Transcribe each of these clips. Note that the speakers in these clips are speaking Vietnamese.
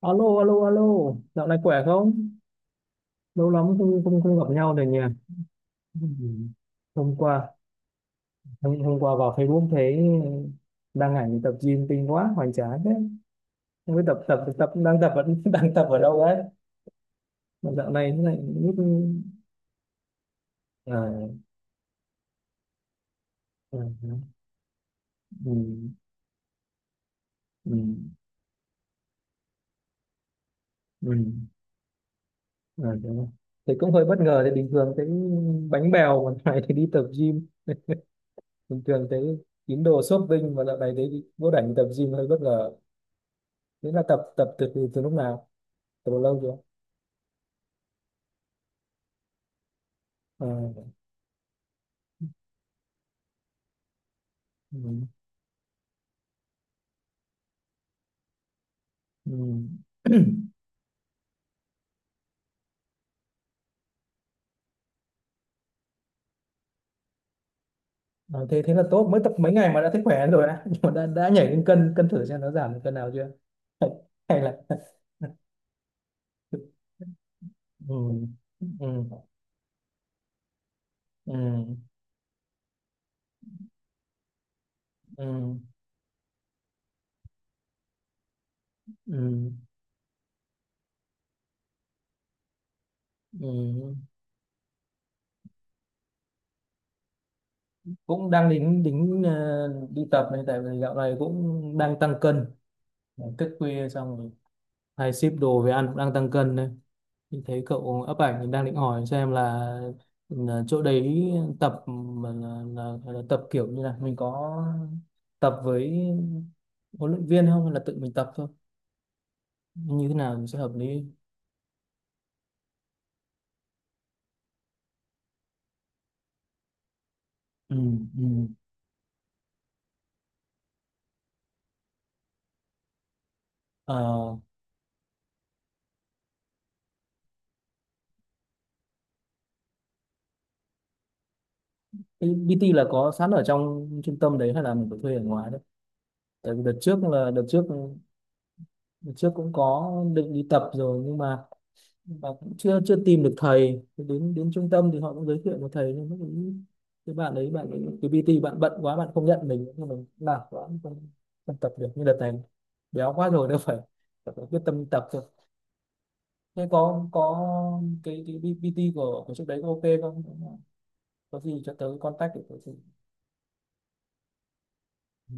Alo, alo, alo, dạo này khỏe không? Lâu lắm không không, không gặp nhau rồi nhỉ? Ừ. Hôm qua, hôm qua vào Facebook thấy đăng ảnh tập gym kinh quá, hoành tráng thế. Không biết tập tập tập đang tập vẫn đang tập ở đâu đấy? Mà dạo này thế này lúc à, à, à, ừ, ừ, ừ, à, đúng rồi. Thì cũng hơi bất ngờ, thì bình thường thấy bánh bèo còn dạo này thì đi tập gym, bình thường thấy tín đồ shopping mà dạo này thấy đi vô đảnh tập gym hơi bất ngờ. Thế là tập tập từ từ, từ lúc nào? Từ lâu chưa? À, ừ, ừ. À, thế thế là tốt, mới tập mấy ngày mà đã thấy khỏe rồi á. Nhưng mà đã nhảy lên cân cân thử xem nó giảm được cân nào chưa. Hay, hay là ừ, ừ, ừ, ừ, ừ, ừ. Cũng đang đính đính đi tập này, tại vì dạo này cũng đang tăng cân, thức khuya xong rồi hay ship đồ về ăn cũng đang tăng cân đấy. Mình thấy cậu up ảnh, mình đang định hỏi xem là chỗ đấy tập mà là, là tập kiểu như là mình có tập với huấn luyện viên không hay là tự mình tập thôi, như thế nào thì sẽ hợp lý. Ừ, ừ. Ờ, cái PT là có sẵn ở trong trung tâm đấy hay là mình phải thuê ở ngoài đấy? Tại vì đợt trước là đợt trước, đợt trước cũng có định đi tập rồi nhưng mà và cũng chưa chưa tìm được thầy. Thì đến đến trung tâm thì họ cũng giới thiệu một thầy nhưng mà cũng cái bạn ấy, cái PT bạn bận quá, bạn không nhận mình, nhưng mình làm quá không tập được như đợt này. Béo quá rồi đâu, phải tập, phải có quyết tâm tập thôi. Thế có cái PT của trước đấy có ok không? Có gì cho tớ contact để tớ thử. Ừ.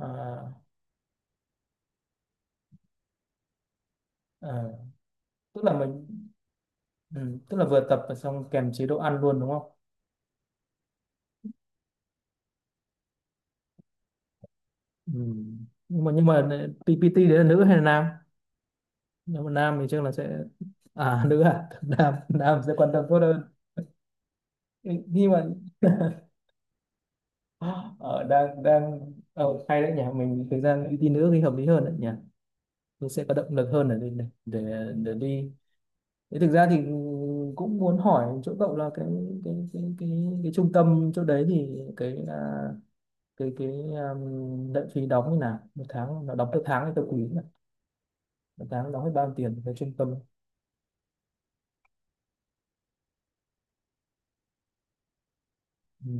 À, à, tức là mình ừ, tức là vừa tập và xong kèm chế độ ăn luôn đúng không? Ừ. nhưng mà PT đấy là nữ hay là nam? Nếu mà nam thì chắc là sẽ à nữ à, nam nam sẽ quan tâm tốt hơn. Ừ, nhưng mà ở đang đang ở hay đấy nhỉ, mình thực ra ưu tiên nữ thì hợp lý hơn đấy nhỉ, mình sẽ có động lực hơn để để đi. Thế thực ra thì cũng muốn hỏi chỗ cậu là cái cái trung tâm chỗ đấy thì cái à, cái lệ phí đóng như nào, một tháng nó đóng theo tháng hay theo quý nhỉ? Một tháng đóng hết bao nhiêu tiền về trung tâm? Ừ.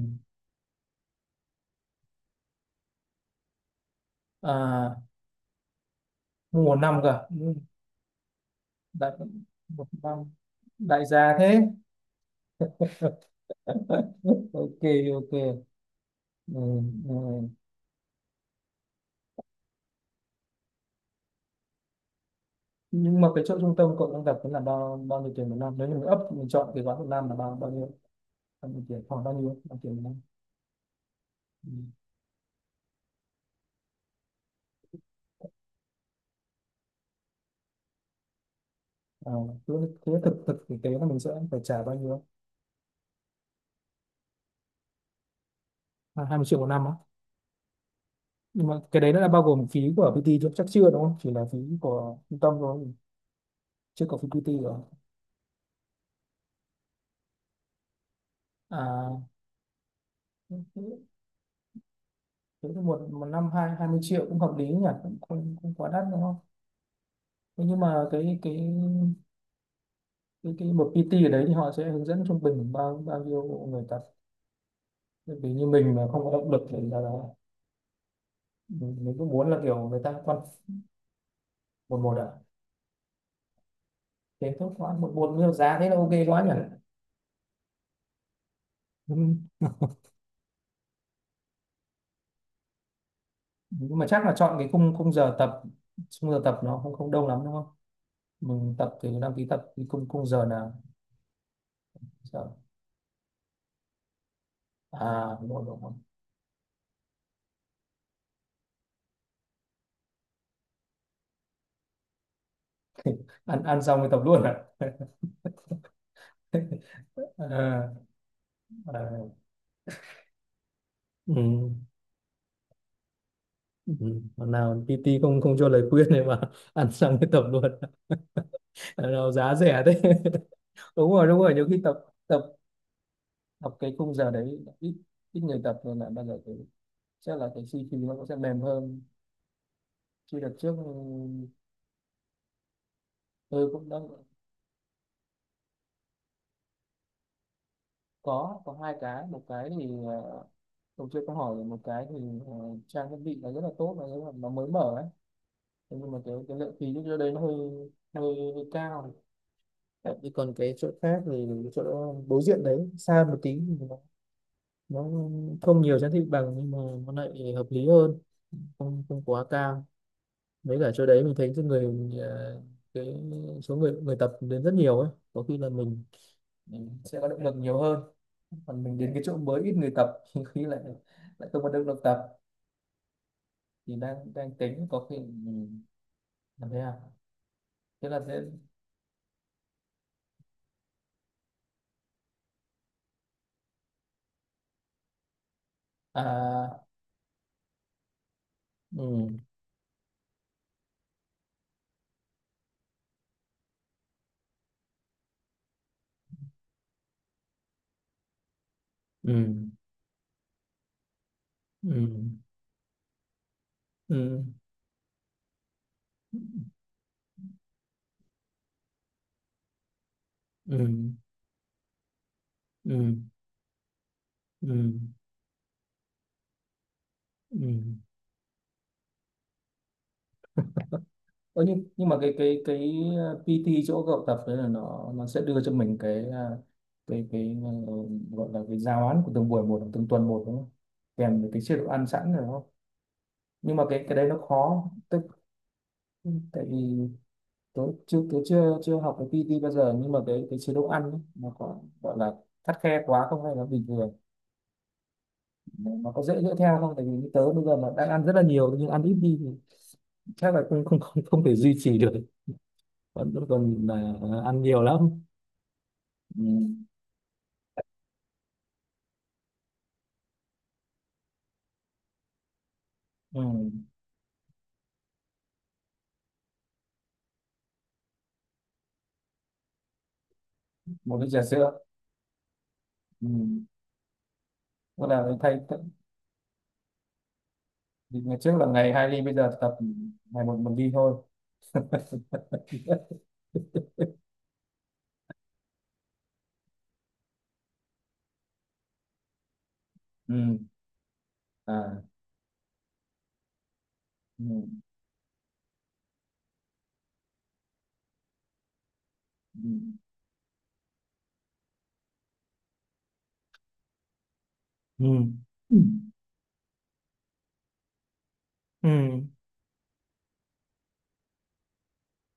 À mua năm cơ. Ừ, đại một năm, đại gia thế. Ok, ok, ừ, ừ. Nhưng mà cái chỗ trung tâm cậu đang gặp là bao bao nhiêu tiền một năm? Nếu như mình up, mình chọn cái gói một năm là bao bao nhiêu, bao nhiêu tiền, khoảng bao nhiêu, bao nhiêu tiền một năm? Ừ. À, cứ thế thực thực thực tế là mình sẽ phải trả bao nhiêu? À, 20 triệu một năm á? Nhưng mà cái đấy nó đã bao gồm phí của PT chứ chắc chưa đúng không, chỉ là phí của trung tâm thôi, chưa có phí PT rồi. À, thế thế thì một một năm hai hai mươi triệu cũng hợp lý nhỉ, cũng không quá đắt đúng không? Thế nhưng mà cái cái một PT ở đấy thì họ sẽ hướng dẫn trung bình bao bao nhiêu người tập? Bởi vì như mình mà không có động lực thì là mình cứ muốn là kiểu người ta con một một ạ. Thế tốt quá, một một nhiều giá thế là ok quá nhỉ. Nhưng, nhưng mà chắc là chọn cái khung khung giờ tập, khung giờ tập nó không không đông lắm đúng không? Mình tập thì đăng ký tập thì khung khung giờ nào, giờ à đúng rồi, đúng rồi. ăn ăn xong thì tập luôn ạ? À, à, ừ. Ừ, hôm nào PT không không cho lời khuyên này mà ăn xong cái tập luôn, nào giá rẻ thế. Đúng rồi, đúng rồi, nhiều khi tập tập tập cái khung giờ đấy ít, ít người tập rồi lại bao giờ cái chắc là cái suy khí nó cũng sẽ mềm hơn. Chứ đợt trước ừ, tôi cũng đã có hai cái, một cái thì tôi chưa có hỏi, một cái thì ờ, trang thiết bị nó rất là tốt, là nó rất là, nó mới mở ấy. Thế nhưng mà cái lượng khí lúc đó đấy nó hơi hơi, hơi cao. Đấy, còn cái chỗ khác thì chỗ đối diện đấy xa một tí thì nó không nhiều trang thiết bằng nhưng mà nó lại hợp lý hơn, không không quá cao. Mấy cả chỗ đấy mình thấy cái người cái số người người tập đến rất nhiều ấy, có khi là mình sẽ có động lực nhiều hơn. Còn mình đến cái chỗ mới ít người tập thì khi lại, lại không có động lực tập, thì đang đang tính có khi mình làm thế nào, thế là sẽ à ừ ừ ừ ừ ừ ừ ừ. Ừ, ừ. Ơ nhưng mà cái cái PT chỗ cậu tập đấy là nó sẽ đưa cho mình cái cái gọi là cái giáo án của từng buổi một, từng tuần một đúng không? Kèm với cái chế độ ăn sẵn rồi đúng không? Nhưng mà cái đấy nó khó, tức tại vì tớ chưa chưa học cái PT bao giờ, nhưng mà cái chế độ ăn ấy, nó có gọi là khắt khe quá không hay là bình thường, nó có dễ dỡ theo không? Tại vì như tớ bây giờ mà đang ăn rất là nhiều nhưng ăn ít đi thì chắc là không thể duy trì được, vẫn vẫn còn cuối cùng là ăn nhiều lắm. Ừ. Ừ. Một ly trà sữa. Ừ. Tức là thay thay- thì ngày trước là ngày hai ly, bây giờ tập ngày một một ly thôi. Ừ. À ừ. Ừ. Ừ Ừ.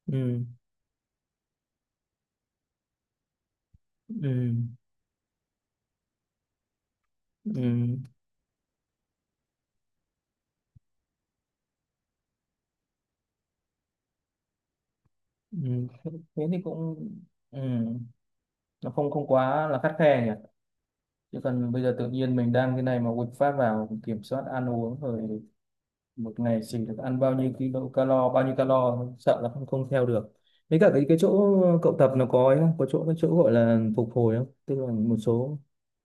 Ừ ừ ừ ừ ừ thế thế thì cũng ừ. Nó không không quá là khắt khe nhỉ, chứ còn bây giờ tự nhiên mình đang cái này mà quật phát vào kiểm soát ăn uống rồi, một ngày chỉ được ăn bao nhiêu kilo calo, bao nhiêu calo, sợ là không không theo được. Với cả cái chỗ cậu tập nó có ấy không, có chỗ cái chỗ gọi là phục hồi không, tức là một số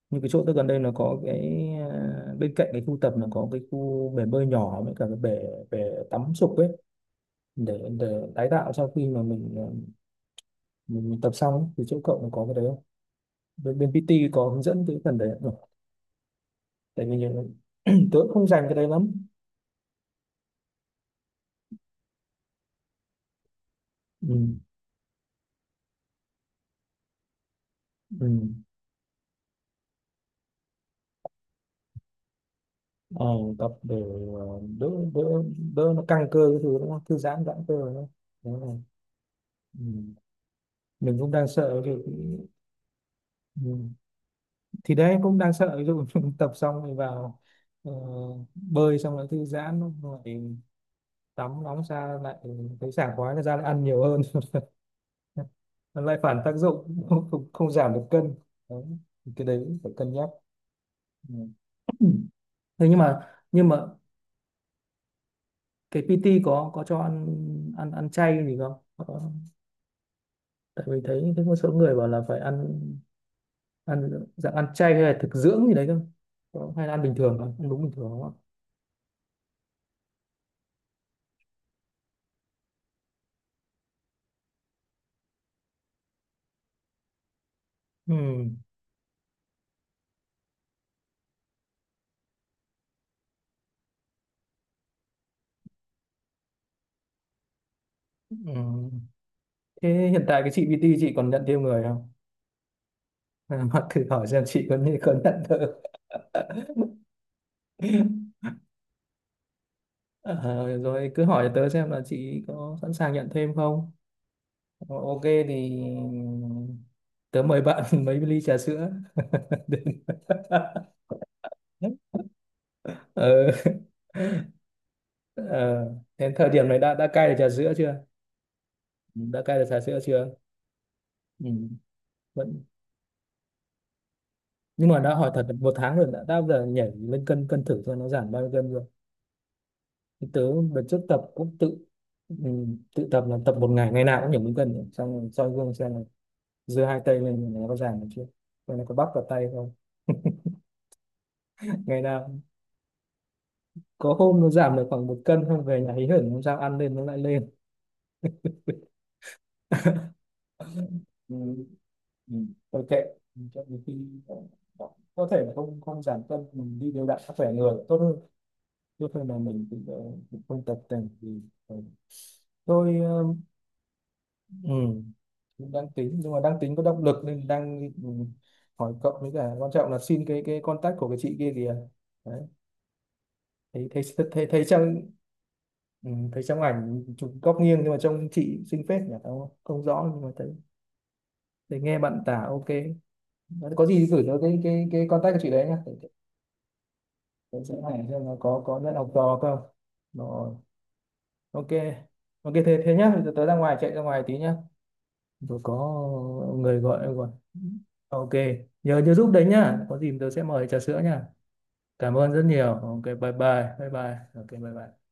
như cái chỗ tôi gần đây nó có cái à, bên cạnh cái khu tập nó có cái khu bể bơi nhỏ với cả cái bể, bể tắm sục ấy, để tái tạo sau khi mà mình à, mình tập xong ấy. Thì chỗ cậu nó có cái đấy không, bên, bên PT có hướng dẫn cái phần đấy không? Tại vì tôi cũng không dành cái đấy lắm. Ừ. Ừ. Ờ, tập để đỡ đỡ đỡ nó căng cơ cái thứ đúng không, thư giãn, giãn cơ đúng không, đúng rồi. Ừ. Mình cũng đang sợ thì ừ. Thì đấy cũng đang sợ ví dụ tập xong rồi vào ờ, bơi xong lại thư giãn rồi tắm nóng ra lại thấy sảng khoái ra lại ăn nhiều hơn, nó lại phản tác dụng, không giảm được cân. Đấy. Thì cái đấy cũng phải cân nhắc. Ừ. Thế nhưng mà nhưng mà cái PT có cho ăn ăn ăn chay gì không? Có tại vì thấy thấy một số người bảo là phải ăn, ăn dạng ăn chay hay là thực dưỡng gì đấy cơ. Hay là ăn bình thường không, ăn đúng bình thường không ạ? Ừ. Ừ. Thế hiện tại cái chị BT chị còn nhận thêm người không, hoặc thử hỏi xem chị có như có nhận tớ. Ờ, rồi cứ hỏi tớ xem là chị có sẵn sàng nhận thêm không. Ờ, ok thì tớ mời bạn mấy ly trà sữa. Ờ, ờ, đến thời điểm này đã cai được trà sữa chưa, đã cai được trà sữa chưa? Ừ. Vẫn, nhưng mà đã hỏi thật là một tháng rồi, đã bao giờ nhảy lên cân cân thử cho nó giảm bao nhiêu cân rồi thì tớ đợt trước tập cũng tự ừ, tự tập là tập một ngày, ngày nào cũng nhảy lên cân rồi. Xong rồi soi gương xem là giơ hai tay lên nó có giảm được chưa, rồi nó có bắp vào tay không, ngày nào có hôm nó giảm được khoảng một cân. Không về nhà hí hửng hôm sau ăn lên nó lại lên. Ừ. Ừ. Thôi kệ, cho đến khi có thể là không không giảm cân mình đi đều đặn sức khỏe người tốt hơn lúc này là mình cũng, cũng không tập tành thì ờ, tôi ừ, cũng đang tính nhưng mà đang tính có động lực nên đang hỏi cậu với cả quan trọng là xin cái contact của cái chị kia kìa đấy. Thấy thấy thấy, thấy trong ừ, thấy trong ảnh chụp góc nghiêng nhưng mà trông chị xinh phết nhỉ, không không rõ nhưng mà thấy, thấy nghe bạn tả ok. Đấy, có gì gửi cho cái cái contact của chị đấy nhá để sẽ hỏi xem nó có nhận học trò không. Rồi ok, ok thế thế nhá, bây giờ tớ ra ngoài, chạy ra ngoài tí nhá, tôi có người gọi em rồi. Ok, nhớ nhớ giúp đấy nhá, có gì tớ sẽ mời trà sữa nhá, cảm ơn rất nhiều. Ok bye bye, bye bye ok bye bye.